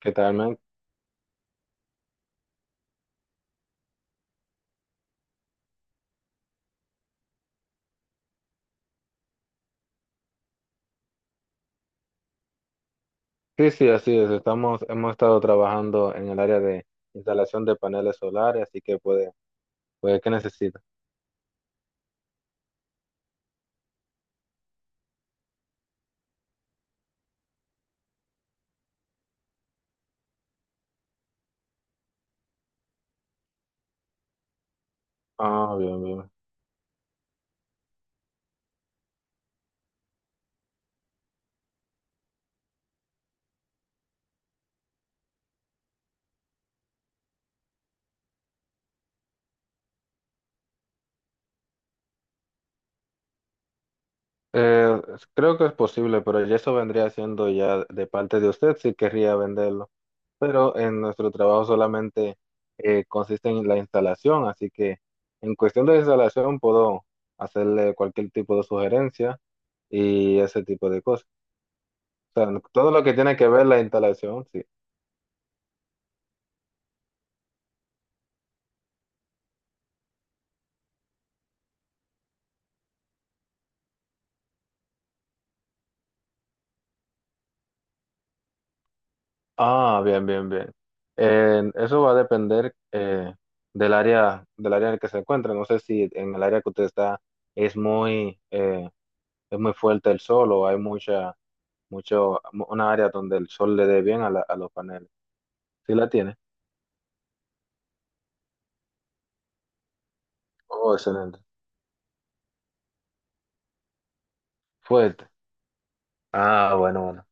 ¿Qué tal, man? Sí, sí, así es. Hemos estado trabajando en el área de instalación de paneles solares, así que puede, ¿qué necesita? Ah, bien, bien. Eh, Creo que es posible, pero ya eso vendría siendo ya de parte de usted si querría venderlo. Pero en nuestro trabajo solamente consiste en la instalación, así que en cuestión de instalación puedo hacerle cualquier tipo de sugerencia y ese tipo de cosas. O sea, todo lo que tiene que ver la instalación, sí. Ah, bien, bien, bien. Eso va a depender del área, en el que se encuentra. No sé si en el área que usted está es es muy fuerte el sol, o hay mucho, una área donde el sol le dé bien a a los paneles. ¿Sí la tiene? Oh, excelente. Fuerte. Ah, bueno, bueno.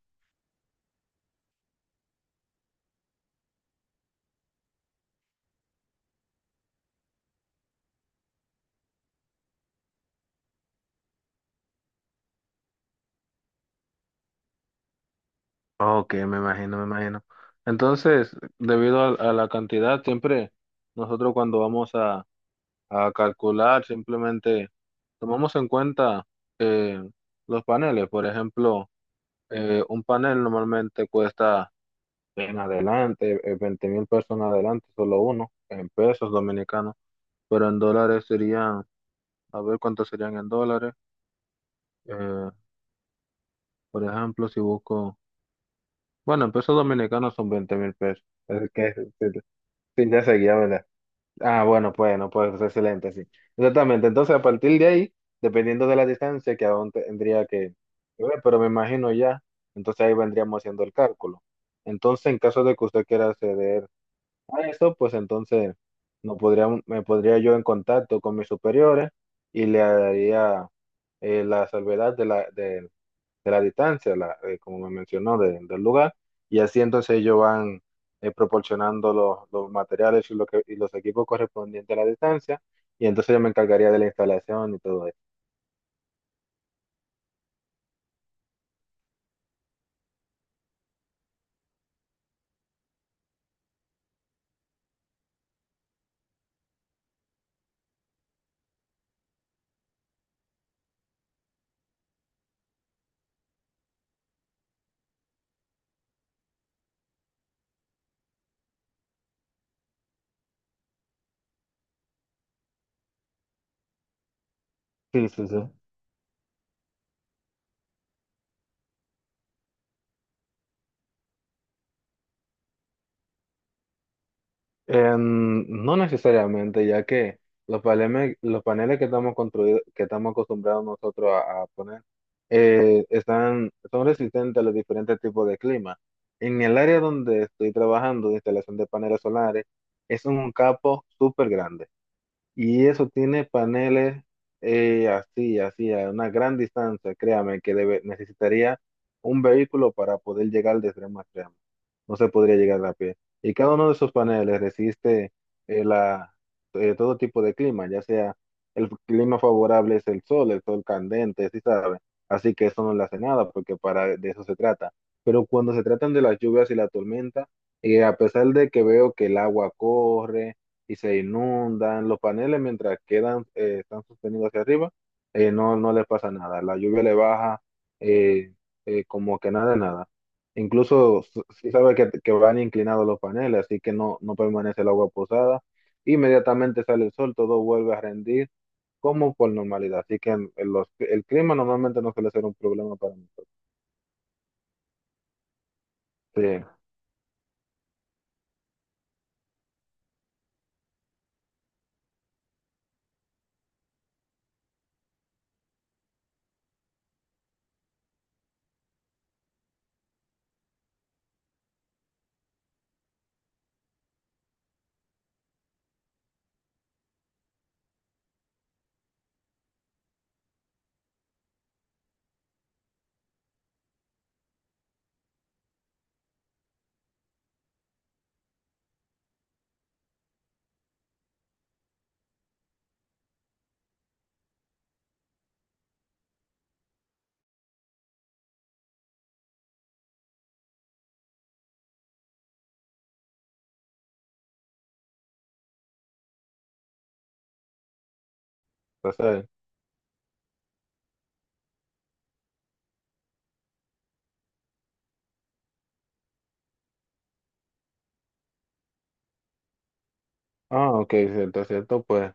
Ok, me imagino, me imagino. Entonces, debido a la cantidad, siempre nosotros cuando vamos a calcular, simplemente tomamos en cuenta eh, los paneles. Por ejemplo, un panel normalmente cuesta en adelante, 20 mil pesos en adelante, solo uno, en pesos dominicanos, pero en dólares serían, a ver cuántos serían en dólares. Eh, por ejemplo, si busco, bueno, en pesos dominicanos son 20,000 pesos. Es que si ya seguía, ah, bueno, pues, no, pues excelente, sí. Exactamente. Entonces, a partir de ahí, dependiendo de la distancia que aún tendría que ver, pero me imagino ya, entonces ahí vendríamos haciendo el cálculo. Entonces, en caso de que usted quiera acceder a eso, pues entonces no podría, me podría yo en contacto con mis superiores, y le haría la salvedad de la, del de la distancia, como me mencionó, del lugar, y así entonces ellos van proporcionando los materiales y los equipos correspondientes a la distancia, y entonces yo me encargaría de la instalación y todo eso. Sí, sí, sí. No necesariamente, ya que los paneles, que estamos que estamos acostumbrados nosotros a, poner, son resistentes a los diferentes tipos de clima. En el área donde estoy trabajando de instalación de paneles solares, es un campo súper grande. Y eso tiene paneles así, así, a una gran distancia. Créame, que necesitaría un vehículo para poder llegar de extremo a extremo. No se podría llegar a pie. Y cada uno de esos paneles resiste eh, la, todo tipo de clima, ya sea, el clima favorable es el sol candente, sí sabe. Así que eso no le hace nada, porque para de eso se trata. Pero cuando se tratan de las lluvias y la tormenta, a pesar de que veo que el agua corre, y se inundan. Los paneles, mientras quedan, están sostenidos hacia arriba, no, no les pasa nada. La lluvia le baja eh, como que nada, de nada. Incluso sí sabe que van inclinados los paneles, así que no, no permanece el agua posada. Inmediatamente sale el sol, todo vuelve a rendir como por normalidad. Así que el clima normalmente no suele ser un problema para nosotros. Sí, entonces, ah, ok, cierto, cierto, pues.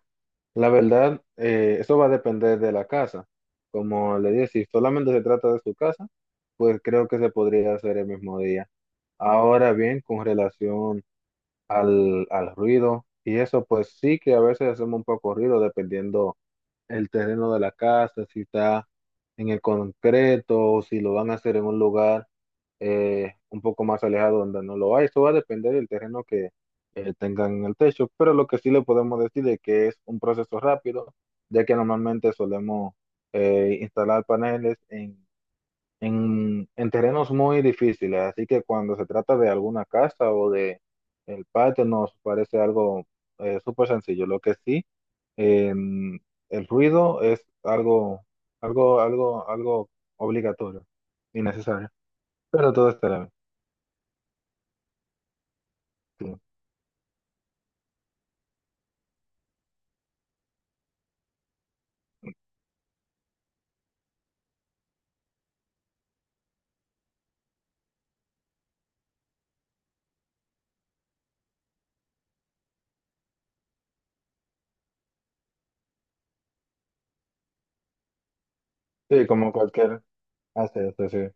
La verdad, eso va a depender de la casa. Como le dije, si solamente se trata de su casa, pues creo que se podría hacer el mismo día. Ahora bien, con relación al ruido y eso, pues sí que a veces hacemos un poco ruido dependiendo el terreno de la casa, si está en el concreto, o si lo van a hacer en un lugar un poco más alejado donde no lo hay. Eso va a depender del terreno que tengan en el techo, pero lo que sí le podemos decir es que es un proceso rápido, ya que normalmente solemos instalar paneles en terrenos muy difíciles, así que cuando se trata de alguna casa o de el patio, nos parece algo súper sencillo. Lo que sí, em, el ruido es algo obligatorio y necesario, pero todo estará bien. Sí, sí, como cualquier así hace,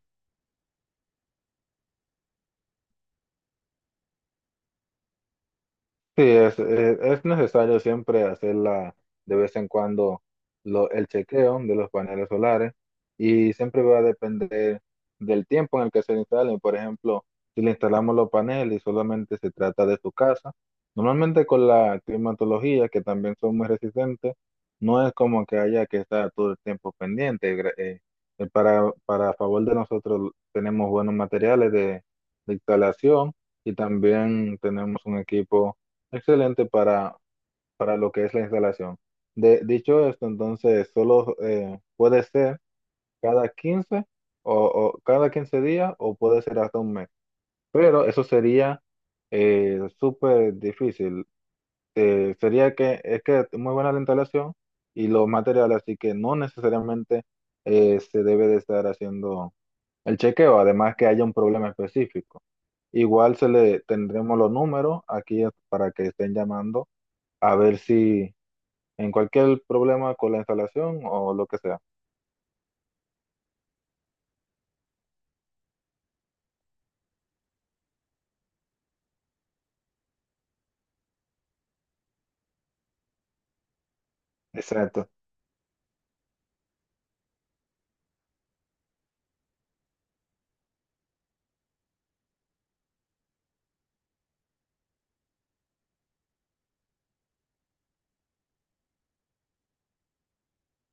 sí, es, necesario siempre hacerla de vez en cuando el chequeo de los paneles solares, y siempre va a depender del tiempo en el que se instalen. Por ejemplo, si le instalamos los paneles y solamente se trata de su casa, normalmente con la climatología, que también son muy resistentes, no es como que haya que estar todo el tiempo pendiente. Para, favor de nosotros tenemos buenos materiales de instalación, y también tenemos un equipo excelente para lo que es la instalación. Dicho esto, entonces solo puede ser cada 15 o cada 15 días, o puede ser hasta un mes. Pero eso sería súper difícil. Sería que es muy buena la instalación y los materiales, así que no necesariamente se debe de estar haciendo el chequeo, además que haya un problema específico. Igual se le tendremos los números aquí para que estén llamando, a ver si en cualquier problema con la instalación o lo que sea. Exacto.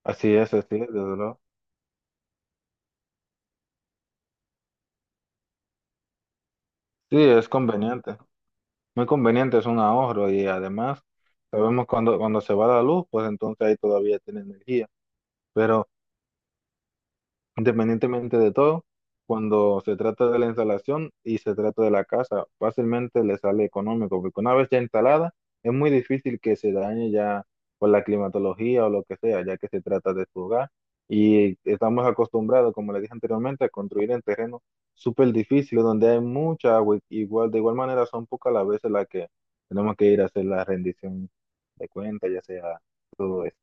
Así es, desde luego. Sí, es conveniente. Muy conveniente, es un ahorro, y además sabemos cuando, cuando se va la luz, pues entonces ahí todavía tiene energía. Pero independientemente de todo, cuando se trata de la instalación y se trata de la casa, fácilmente le sale económico, porque una vez ya instalada, es muy difícil que se dañe ya por la climatología o lo que sea, ya que se trata de su hogar. Y estamos acostumbrados, como le dije anteriormente, a construir en terrenos súper difíciles, donde hay mucha agua, y igual, de igual manera son pocas las veces las que tenemos que ir a hacer la rendición de cuentas, ya sea todo eso.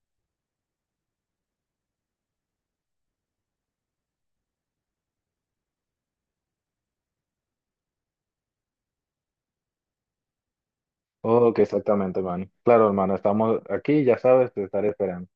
Ok, exactamente, hermano. Claro, hermano, estamos aquí, ya sabes, te estaré esperando.